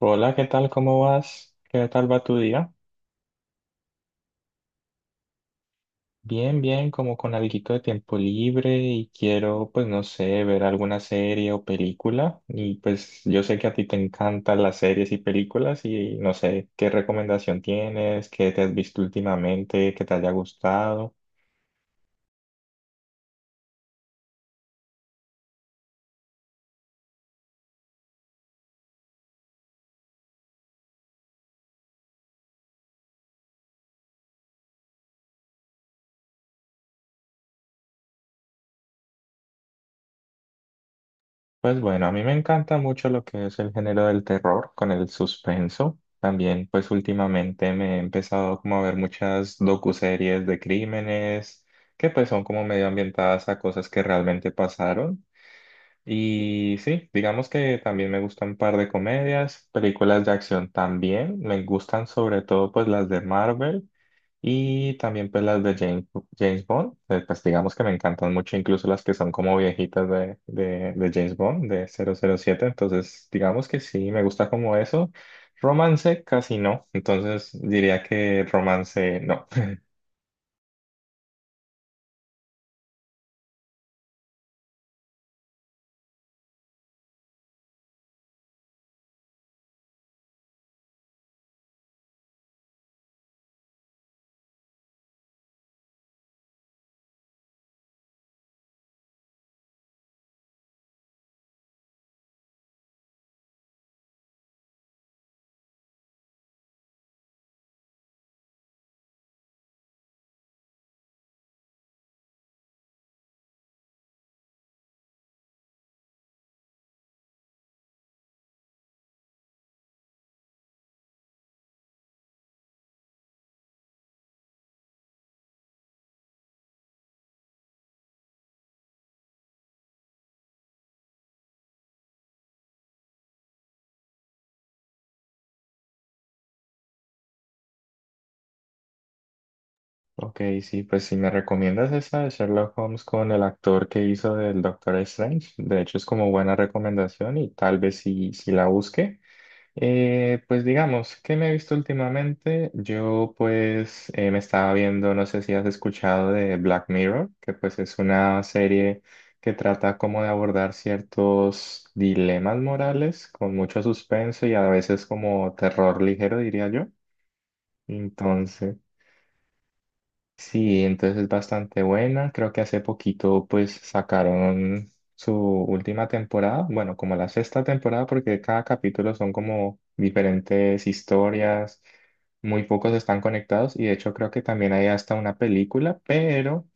Hola, ¿qué tal? ¿Cómo vas? ¿Qué tal va tu día? Bien, bien, como con alguito de tiempo libre y quiero, pues no sé, ver alguna serie o película. Y pues yo sé que a ti te encantan las series y películas y no sé qué recomendación tienes, qué te has visto últimamente, que te haya gustado. Pues bueno, a mí me encanta mucho lo que es el género del terror con el suspenso. También, pues últimamente me he empezado como a ver muchas docuseries de crímenes que pues son como medio ambientadas a cosas que realmente pasaron. Y sí, digamos que también me gustan un par de comedias, películas de acción también. Me gustan sobre todo pues las de Marvel. Y también pues las de James, James Bond, pues digamos que me encantan mucho, incluso las que son como viejitas de James Bond, de 007, entonces digamos que sí, me gusta como eso. Romance casi no, entonces diría que romance no. Ok, sí, pues si me recomiendas esa de Sherlock Holmes con el actor que hizo del Doctor Strange, de hecho es como buena recomendación y tal vez si la busque. Pues digamos, ¿qué me he visto últimamente? Yo pues me estaba viendo, no sé si has escuchado de Black Mirror, que pues es una serie que trata como de abordar ciertos dilemas morales con mucho suspenso y a veces como terror ligero, diría yo. Entonces... Sí, entonces es bastante buena. Creo que hace poquito pues sacaron su última temporada, bueno, como la sexta temporada, porque cada capítulo son como diferentes historias, muy pocos están conectados y de hecho creo que también hay hasta una película, pero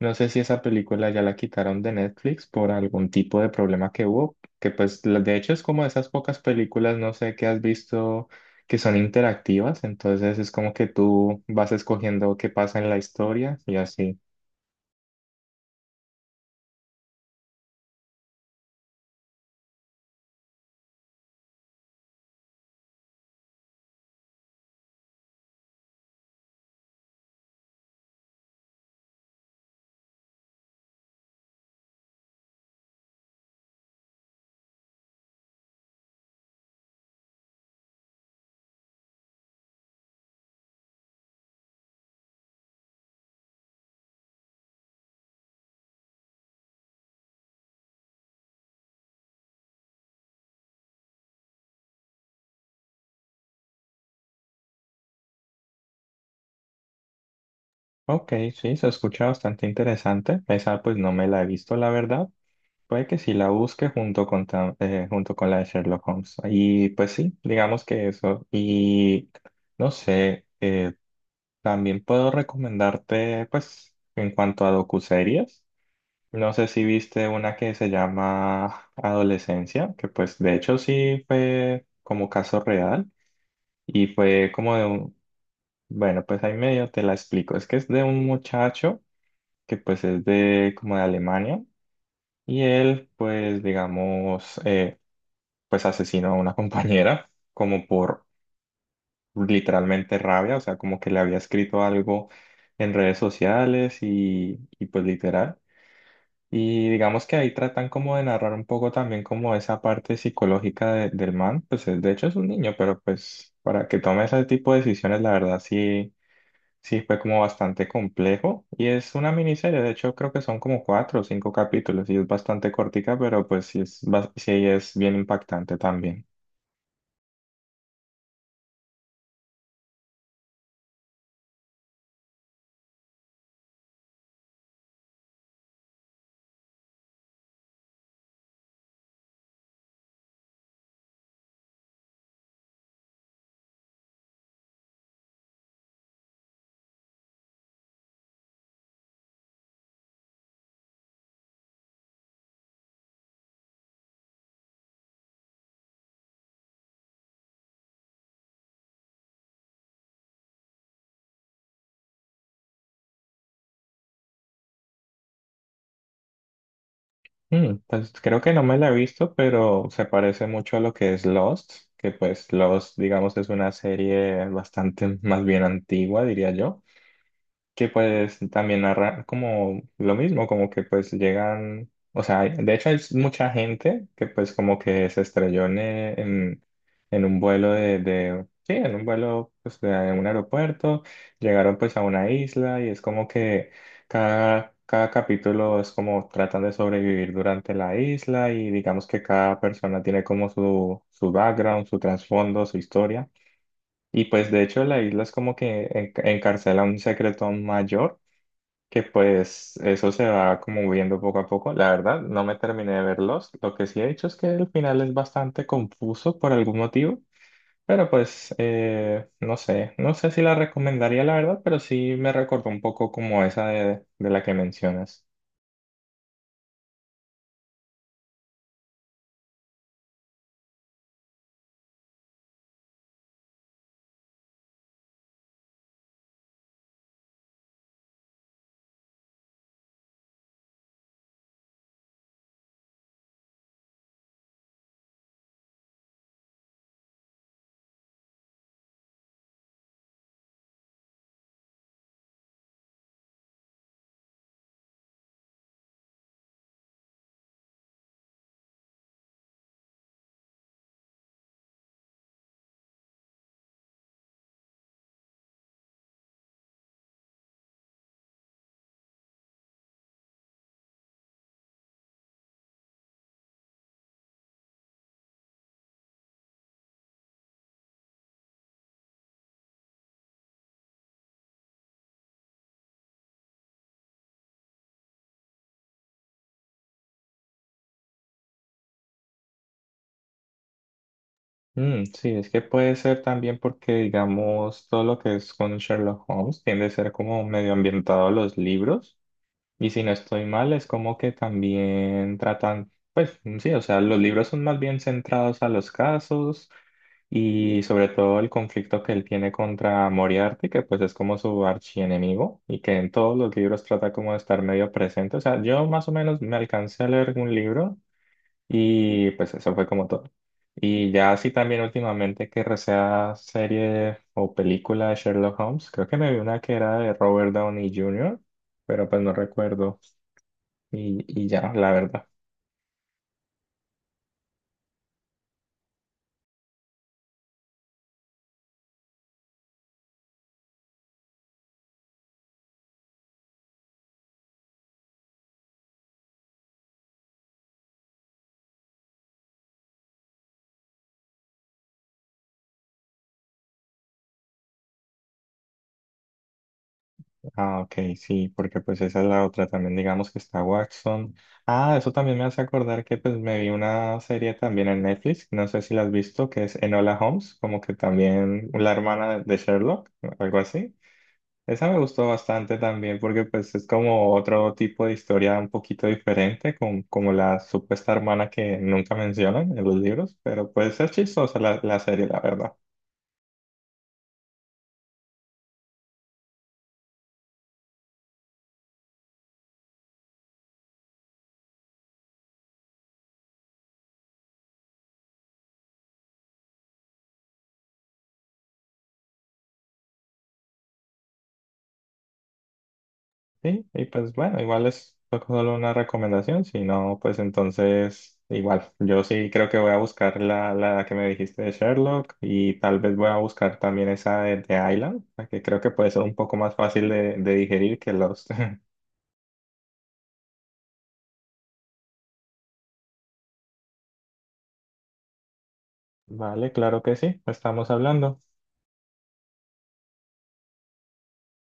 no sé si esa película ya la quitaron de Netflix por algún tipo de problema que hubo, que pues la- de hecho es como esas pocas películas, no sé qué has visto que son interactivas, entonces es como que tú vas escogiendo qué pasa en la historia y así. Ok, sí, se escucha bastante interesante. Esa pues no me la he visto, la verdad. Puede que sí la busque junto con, junto con la de Sherlock Holmes. Y pues sí, digamos que eso. Y no sé, también puedo recomendarte pues en cuanto a docuseries. No sé si viste una que se llama Adolescencia, que pues de hecho sí fue como caso real. Y fue como de un, bueno, pues ahí medio te la explico. Es que es de un muchacho que pues es de como de Alemania y él pues digamos pues asesinó a una compañera como por literalmente rabia, o sea, como que le había escrito algo en redes sociales y pues literal. Y digamos que ahí tratan como de narrar un poco también como esa parte psicológica de- del man, pues es- de hecho es un niño, pero pues para que tome ese tipo de decisiones, la verdad sí. Sí, fue como bastante complejo y es una miniserie, de hecho creo que son como cuatro o cinco capítulos y es bastante cortica, pero pues sí es, bas- sí es bien impactante también. Mm, pues creo que no me la he visto, pero se parece mucho a lo que es Lost, que pues Lost, digamos, es una serie bastante más bien antigua, diría yo. Que pues también narra como lo mismo, como que pues llegan, o sea, hay- de hecho hay mucha gente que pues como que se estrelló en, en un vuelo sí, en un vuelo pues de un aeropuerto, llegaron pues a una isla y es como que cada, cada capítulo es como tratan de sobrevivir durante la isla y digamos que cada persona tiene como su background, su trasfondo, su historia. Y pues de hecho la isla es como que en- encarcela un secreto mayor que pues eso se va como viendo poco a poco. La verdad, no me terminé de verlos. Lo que sí he hecho es que el final es bastante confuso por algún motivo, pero pues no sé, no sé si la recomendaría la verdad, pero sí me recordó un poco como esa de la que mencionas. Mm, sí, es que puede ser también porque, digamos, todo lo que es con Sherlock Holmes tiende a ser como medio ambientado a los libros. Y si no estoy mal, es como que también tratan, pues sí, o sea, los libros son más bien centrados a los casos y sobre todo el conflicto que él tiene contra Moriarty, que pues es como su archienemigo y que en todos los libros trata como de estar medio presente. O sea, yo más o menos me alcancé a leer un libro y pues eso fue como todo. Y ya así también últimamente que recea serie o película de Sherlock Holmes, creo que me vi una que era de Robert Downey Jr., pero pues no recuerdo. Y ya, la verdad. Ah, ok, sí, porque pues esa es la otra. También digamos que está Watson. Ah, eso también me hace acordar que pues me vi una serie también en Netflix, no sé si la has visto, que es Enola Holmes, como que también la hermana de Sherlock, algo así. Esa me gustó bastante también porque pues es como otro tipo de historia un poquito diferente, con, como la supuesta hermana que nunca mencionan en los libros, pero pues es chistosa la, la serie, la verdad. Sí, y pues bueno, igual es solo una recomendación, si no, pues entonces igual, yo sí creo que voy a buscar la, la que me dijiste de Sherlock y tal vez voy a buscar también esa de Island, la que creo que puede ser un poco más fácil de digerir que Lost. Vale, claro que sí, estamos hablando.